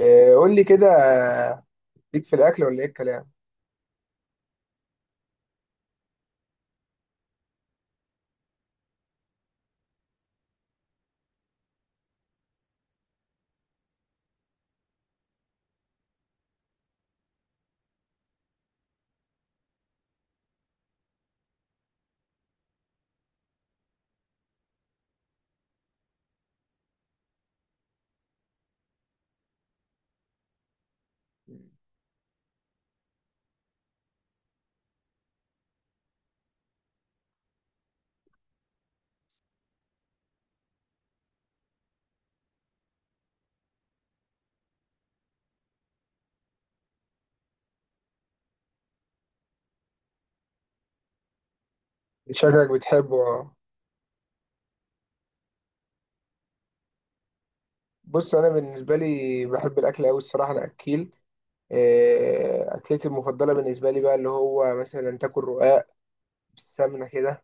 إيه، قول لي كده. ليك في الأكل ولا إيه الكلام؟ شكلك بتحبه. آه. بص، أنا بالنسبة لي بحب الأكل أوي الصراحة. أنا أكيل إيه، أكلتي المفضلة بالنسبة لي بقى اللي هو مثلا تاكل رقاق بالسمنة كده،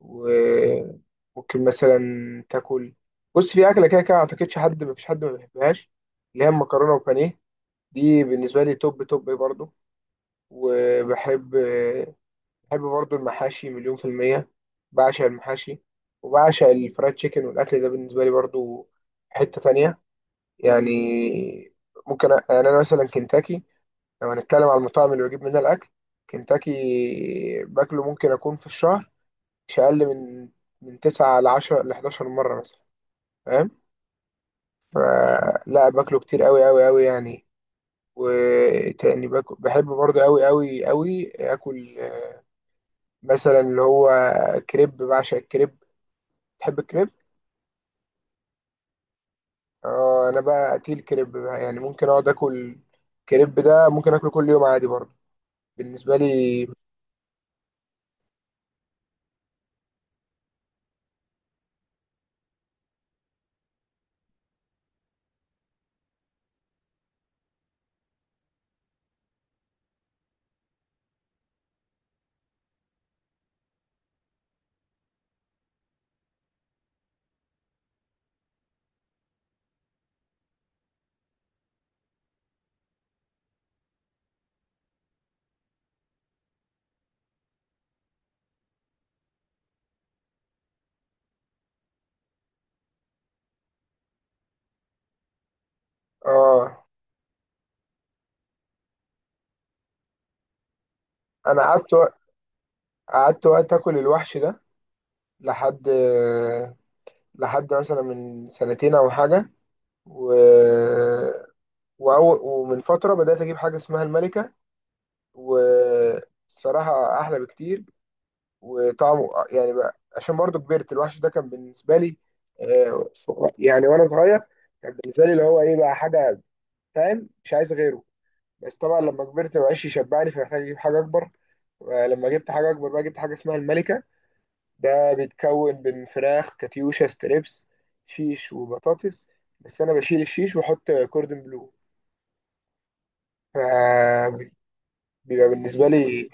وممكن مثلا تاكل. بص، في أكلة كده كده أعتقدش حد، مفيش حد ما بيحبهاش، اللي هي المكرونة وبانيه. دي بالنسبة لي توب توب برضه. وبحب برضو المحاشي مليون في المية. بعشق المحاشي. وبعشق الفرايد تشيكن والأكل ده بالنسبة لي برضو حتة تانية يعني. ممكن يعني أنا مثلا كنتاكي، لو هنتكلم على المطاعم اللي بجيب منها الأكل. كنتاكي باكله ممكن أكون في الشهر مش أقل من 9 ل10 ل11 مرة مثلا. فاهم؟ فلا، باكله كتير أوي أوي أوي يعني. وتاني باكل، بحب برضو أوي أوي أوي آكل مثلا اللي هو كريب. بعشق الكريب. تحب الكريب؟ اه، انا بقى قتيل كريب بقى، يعني ممكن اقعد اكل كريب. ده ممكن اكله كل يوم عادي برضه، بالنسبه لي. اه، انا قعدت قعدت وقت اكل الوحش ده لحد لحد مثلا من سنتين او حاجه. و... ومن فتره بدات اجيب حاجه اسمها الملكه. والصراحه احلى بكتير. وطعمه يعني بقى عشان برضه كبرت. الوحش ده كان بالنسبه لي آه، يعني وانا صغير، كان بالنسبه لي اللي هو ايه بقى حاجه، فاهم؟ مش عايز غيره. بس طبعا لما كبرت مبقاش يشبعني، فمحتاج اجيب حاجه اكبر. لما جبت حاجه اكبر بقى، جبت حاجه اسمها الملكه. ده بيتكون من فراخ كاتيوشا ستريبس، شيش وبطاطس، بس انا بشيل الشيش واحط كوردن بلو، فبيبقى بالنسبه لي.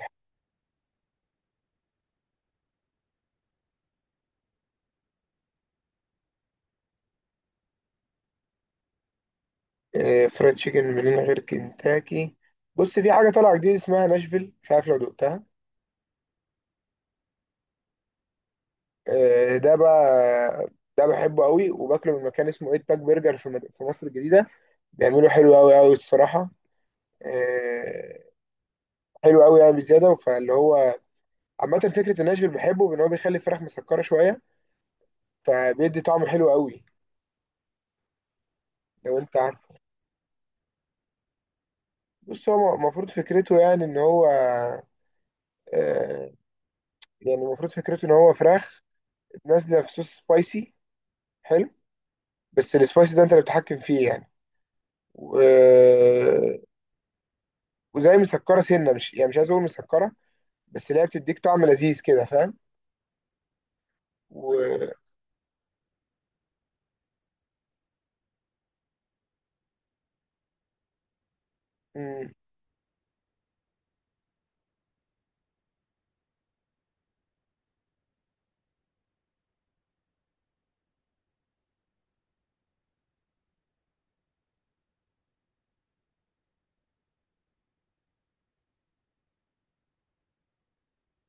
فرايد تشيكن من غير كنتاكي. بص، في حاجه طالعه جديده اسمها ناشفيل، مش عارف لو دقتها. ده بقى ده بحبه قوي، وباكله من مكان اسمه ايت باك برجر في في مصر الجديده. بيعملوا حلو قوي قوي الصراحه. آه، حلو قوي يعني بزياده، فاللي هو عامه فكره الناشفيل، بحبه ان هو بيخلي الفراخ مسكره شويه، فبيدي طعم حلو قوي. لو انت عارفه. بص، هو المفروض فكرته يعني ان هو آه، يعني المفروض فكرته ان هو فراخ نازله في صوص سبايسي حلو، بس السبايسي ده انت اللي بتتحكم فيه يعني. و... وزي مسكره سنه، مش يعني مش عايز اقول مسكره، بس اللي هي بتديك طعم لذيذ كده، فاهم؟ و مم.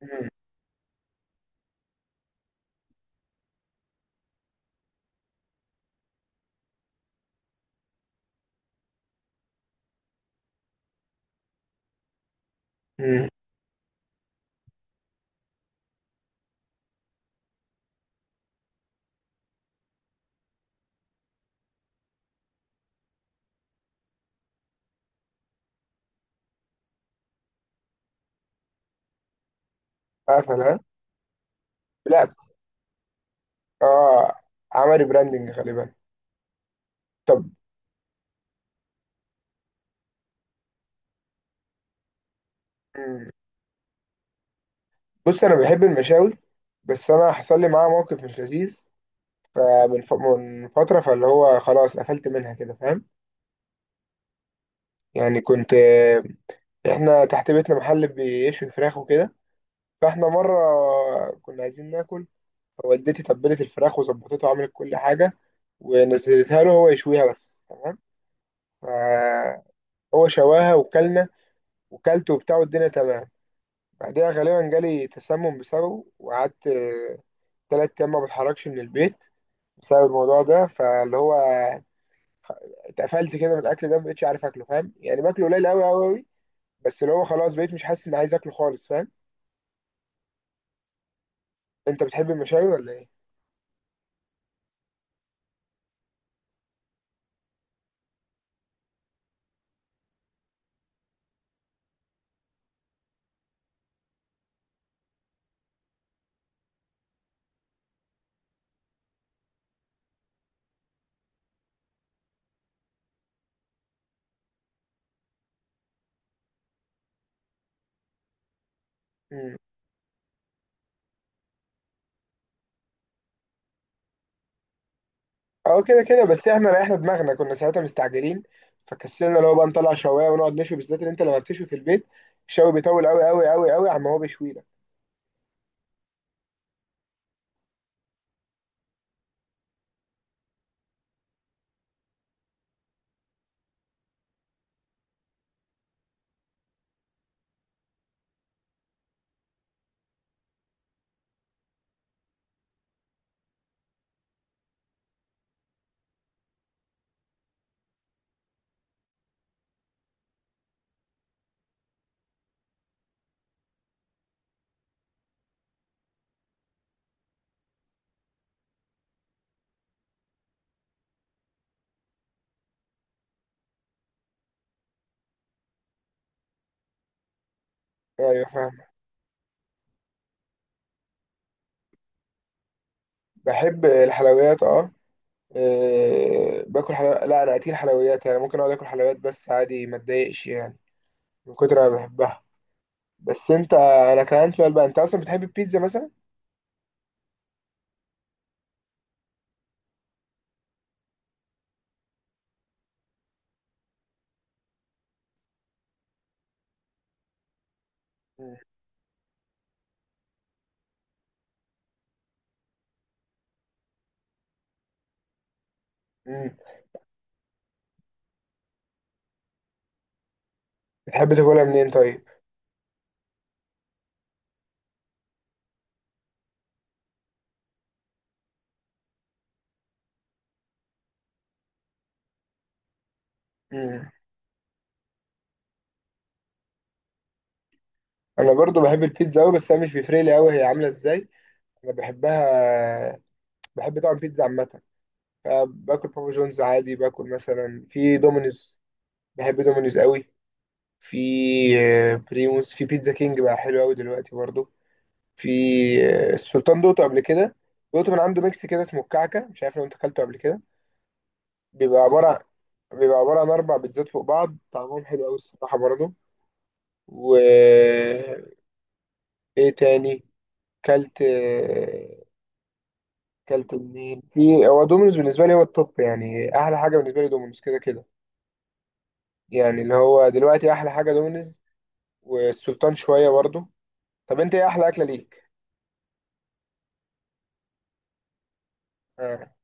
مم. مم. قفل، ها؟ لا. اه، عمل براندنج غالبا. طب. مم، بص انا بحب المشاوي، بس انا حصل لي معاها موقف مش لذيذ من فتره، فاللي هو خلاص قفلت منها كده، فاهم؟ يعني كنت. احنا تحت بيتنا محل بيشوي فراخ وكده، فاحنا مره كنا عايزين ناكل، فوالدتي تبلت الفراخ وظبطتها وعملت كل حاجه، ونزلتها له هو يشويها بس تمام، فهو شواها وكلنا، وكلت وبتاع والدنيا تمام. بعدها غالبا جالي تسمم بسببه، وقعدت 3 أيام ما بتحركش من البيت بسبب الموضوع ده، فاللي هو اتقفلت كده من الأكل ده، مبقتش عارف أكله، فاهم؟ يعني باكله قليل أوي أوي أوي، بس اللي هو خلاص بقيت مش حاسس إني عايز أكله خالص، فاهم؟ أنت بتحب المشاوي ولا إيه؟ مم. أه، كده كده. بس إحنا ريحنا دماغنا، كنا ساعتها مستعجلين، فكسلنا اللي هو بقى نطلع شواية ونقعد نشوي، بالذات إن أنت لما بتشوي في البيت الشوي بيطول أوي أوي أوي أوي عما هو بيشوي لك. أيوه فاهم. بحب الحلويات، أه. أه، باكل حلويات. لا، انا اكل حلويات يعني، ممكن اقعد اكل حلويات بس عادي ما اتضايقش يعني، من كتر ما بحبها. بس انت، انا كان عندي سؤال بقى، انت اصلا بتحب البيتزا مثلا؟ مم. مم. بتحب تاكلها منين طيب؟ مم. انا برضو بحب البيتزا قوي، بس انا مش بيفرق لي قوي هي عامله ازاي. انا بحبها. بحب طبعا بيتزا عامه، فباكل بابا جونز عادي، باكل مثلا في دومينوز. بحب دومينوز قوي. في بريموس، في بيتزا كينج بقى حلو قوي دلوقتي برضو. في السلطان دوتو قبل كده، دوتو من عنده ميكس كده اسمه الكعكه، مش عارف لو انت اكلته قبل كده. بيبقى عباره عن بيبقى عباره عن اربع بيتزات فوق بعض، طعمهم حلو قوي الصراحه برضه. و ايه تاني، كلت كلت منين. في هو دومينوز بالنسبه لي هو التوب يعني، احلى حاجه بالنسبه لي دومينوز كده كده. يعني اللي هو دلوقتي احلى حاجه دومينوز والسلطان شويه برضه. طب انت ايه احلى اكله ليك؟ آه.